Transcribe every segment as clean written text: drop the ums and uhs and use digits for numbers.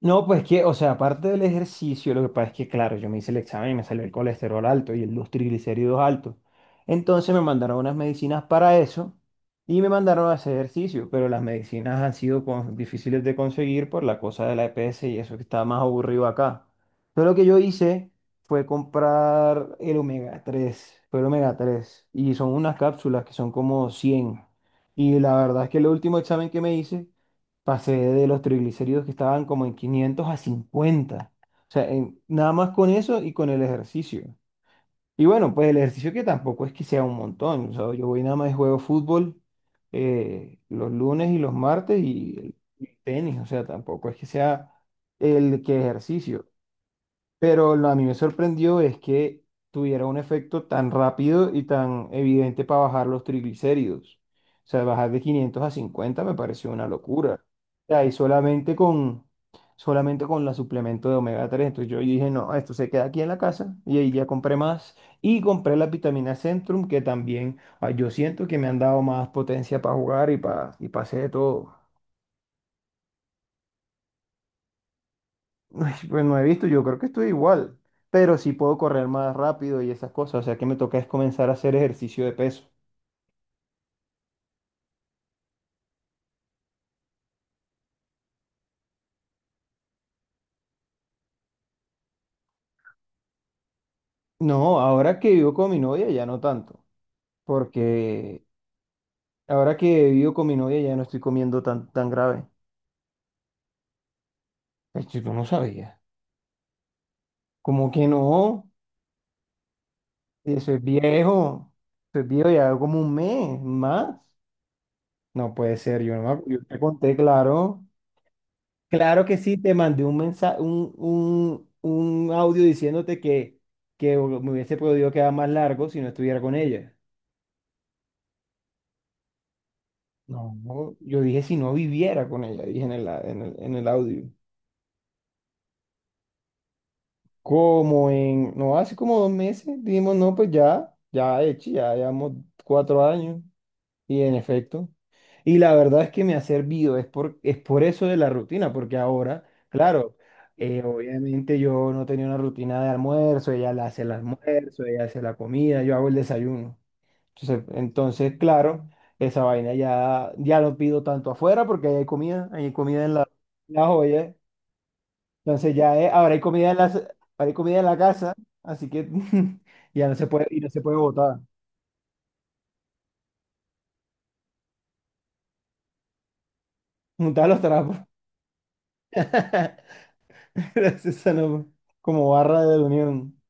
No, pues que, o sea, aparte del ejercicio, lo que pasa es que, claro, yo me hice el examen y me salió el colesterol alto y los triglicéridos altos. Entonces me mandaron unas medicinas para eso y me mandaron a hacer ejercicio, pero las medicinas han sido difíciles de conseguir por la cosa de la EPS y eso que está más aburrido acá. Pero lo que yo hice fue comprar el omega 3, fue el omega 3, y son unas cápsulas que son como 100. Y la verdad es que el último examen que me hice pasé de los triglicéridos que estaban como en 500 a 50. O sea, nada más con eso y con el ejercicio. Y bueno, pues el ejercicio que tampoco es que sea un montón. O sea, yo voy nada más y juego fútbol los lunes y los martes y tenis. O sea, tampoco es que sea el que ejercicio. Pero a mí me sorprendió es que tuviera un efecto tan rápido y tan evidente para bajar los triglicéridos. O sea, bajar de 500 a 50 me pareció una locura. O sea, y solamente con la suplemento de omega tres. Entonces yo dije, no, esto se queda aquí en la casa. Y ahí ya compré más. Y compré la vitamina Centrum, que también yo siento que me han dado más potencia para jugar y para hacer de todo. Ay, pues no he visto, yo creo que estoy igual, pero sí puedo correr más rápido y esas cosas, o sea que me toca es comenzar a hacer ejercicio de peso. No, ahora que vivo con mi novia ya no tanto, porque ahora que vivo con mi novia ya no estoy comiendo tan grave. Pues yo no sabía. ¿Cómo que no? Eso es viejo, eso es viejo ya como un mes más. No puede ser, yo no me acu- yo te conté, claro. Claro que sí, te mandé un mensaje, un audio diciéndote que, me hubiese podido quedar más largo si no estuviera con ella. No, no, yo dije si no viviera con ella, dije en el audio. No, hace como 2 meses, dijimos, no, pues ya, ya, hecho, ya llevamos 4 años. Y en efecto. Y la verdad es que me ha servido, es por eso de la rutina, porque ahora, claro, obviamente yo no tenía una rutina de almuerzo, ella la hace el almuerzo, ella hace la comida, yo hago el desayuno. Entonces, claro, esa vaina ya no pido tanto afuera porque ahí hay comida en la joya. Entonces ya ahora hay comida en la casa, así que ya no se puede, y no se puede botar, juntar los trapos. Gracias a no- como barra de unión.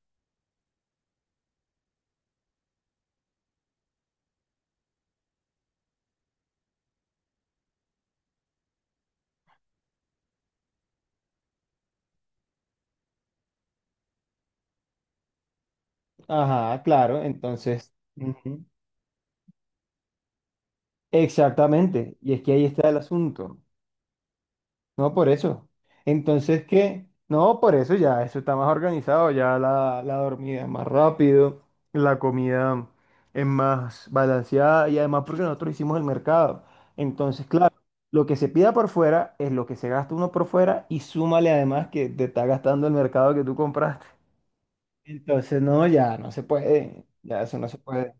Ajá, claro, entonces. Ujú. Exactamente, y es que ahí está el asunto. No por eso. Entonces, ¿qué? No, por eso ya, eso está más organizado, ya la dormida es más rápido, la comida es más balanceada y además porque nosotros hicimos el mercado. Entonces, claro, lo que se pida por fuera es lo que se gasta uno por fuera y súmale además que te está gastando el mercado que tú compraste. Entonces, no, ya no se puede, ya eso no se puede.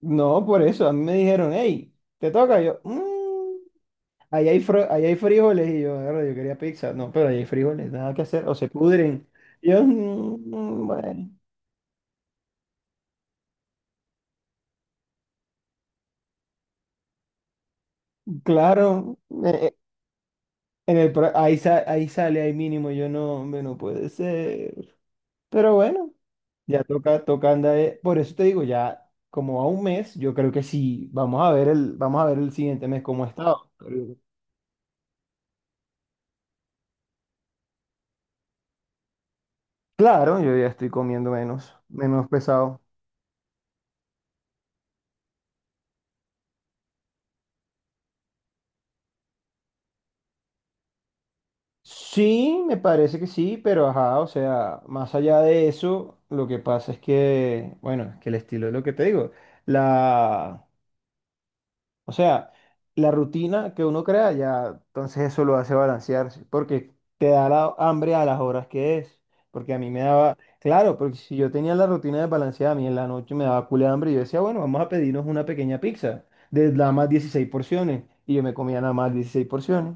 No, por eso, a mí me dijeron, hey, te toca, yo, "Mm, ahí hay frijoles, y yo, "Mierda, yo quería pizza, no, pero ahí hay frijoles, nada que hacer, o se pudren. Y yo, "Mm, bueno, claro, eh, eh, en el, pro- ahí, sa- ahí sale, ahí mínimo, yo no, hombre, no puede ser. Pero bueno, ya toca andar, por eso te digo, ya como a un mes, yo creo que sí, vamos a ver el siguiente mes cómo ha estado. Claro, yo ya estoy comiendo menos, menos pesado. Sí, me parece que sí, pero ajá, o sea, más allá de eso, lo que pasa es que, bueno, es que el estilo es lo que te digo. La, O sea, la rutina que uno crea ya, entonces eso lo hace balancearse, porque te da la hambre a las horas que es. Porque a mí me daba, claro, porque si yo tenía la rutina de balanceada, a mí en la noche me daba culo de hambre y yo decía, bueno, vamos a pedirnos una pequeña pizza de nada más 16 porciones. Y yo me comía nada más 16 porciones.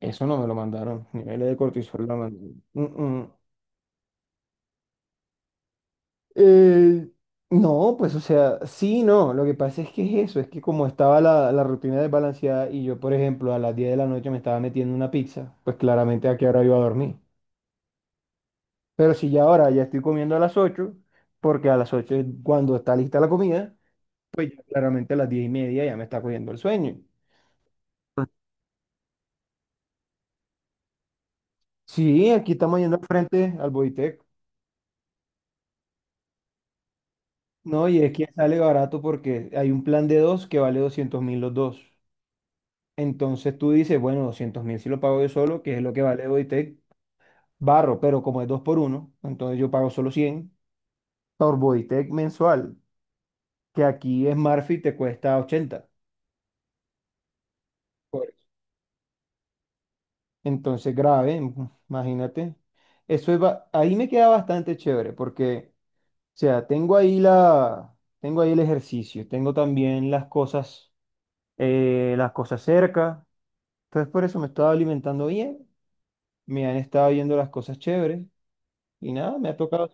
Eso no me lo mandaron. Niveles de cortisol la mandaron. Eh, no, pues o sea, sí, no, lo que pasa es que es eso, es que como estaba la rutina desbalanceada y yo, por ejemplo, a las 10 de la noche me estaba metiendo una pizza, pues claramente a qué hora iba a dormir. Pero si ya ahora ya estoy comiendo a las 8, porque a las 8 es cuando está lista la comida, pues ya claramente a las 10 y media ya me está cogiendo el sueño. Sí, aquí estamos yendo al frente al Boitec, ¿no? Y es que sale barato porque hay un plan de dos que vale 200.000 los dos. Entonces tú dices, bueno, 200.000 si lo pago yo solo, que es lo que vale Bodytech barro, pero como es 2 por uno entonces yo pago solo 100 por Bodytech mensual, que aquí Smartfit te cuesta 80. Por eso. Entonces grave, imagínate. Eso es. Ahí me queda bastante chévere porque, o sea, tengo ahí el ejercicio, tengo también las cosas cerca. Entonces por eso me estaba alimentando bien, me han estado viendo las cosas chéveres y nada, me ha tocado.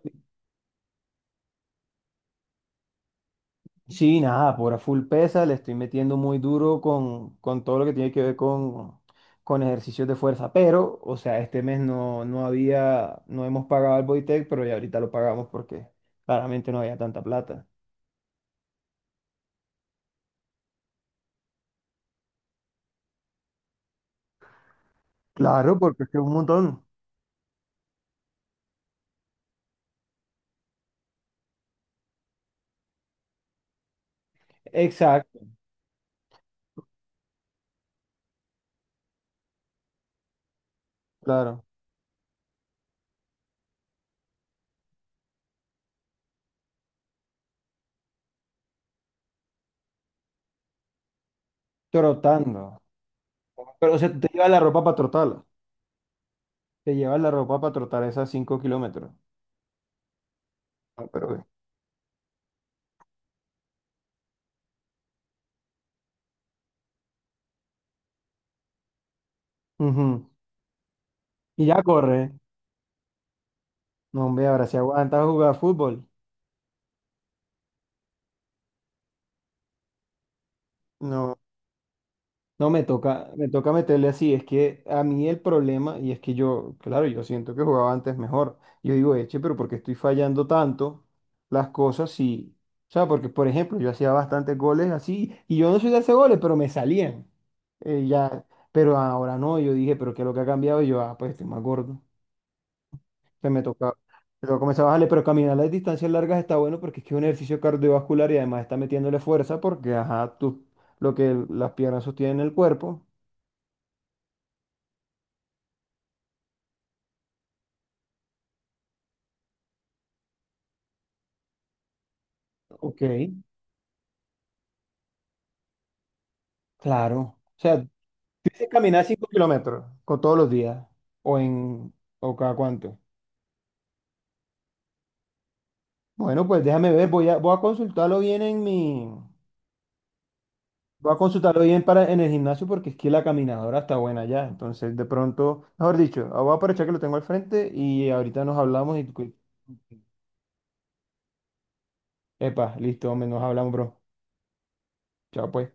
Sí, nada, por a full pesa, le estoy metiendo muy duro con todo lo que tiene que ver con ejercicios de fuerza, pero, o sea, este mes no, no hemos pagado al Bodytech, pero ya ahorita lo pagamos porque claramente no había tanta plata. Claro, porque es que es un montón. Exacto, claro, trotando. Pero, o sea, tú te llevas la ropa para trotarla, te llevas la ropa para trotar esas 5 kilómetros. Ah, pero ve. Ujú. Y ya corre, no, hombre, ahora si aguanta jugar fútbol. No. No, me toca meterle así. Es que a mí el problema, y es que yo, claro, yo siento que jugaba antes mejor. Yo digo, eche, pero ¿por qué estoy fallando tanto las cosas si, o sea, porque, por ejemplo, yo hacía bastantes goles así, y yo no soy de hacer goles, pero me salían. Ya, pero ahora no, yo dije, pero ¿qué es lo que ha cambiado? Y yo, ah, pues estoy más gordo. Entonces me toca comenzar a bajarle, pero caminar las distancias largas está bueno porque es que es un ejercicio cardiovascular y además está metiéndole fuerza porque, ajá, tú, lo que las piernas sostienen el cuerpo. Ok, claro. O sea, dices caminar 5 kilómetros con todos los días o en o cada cuánto. Bueno, pues déjame ver, voy a consultarlo bien para en el gimnasio porque es que la caminadora está buena ya. Entonces, de pronto, mejor dicho, voy a aprovechar que lo tengo al frente y ahorita nos hablamos y, epa, listo, hombre, nos hablamos, bro. Chao, pues.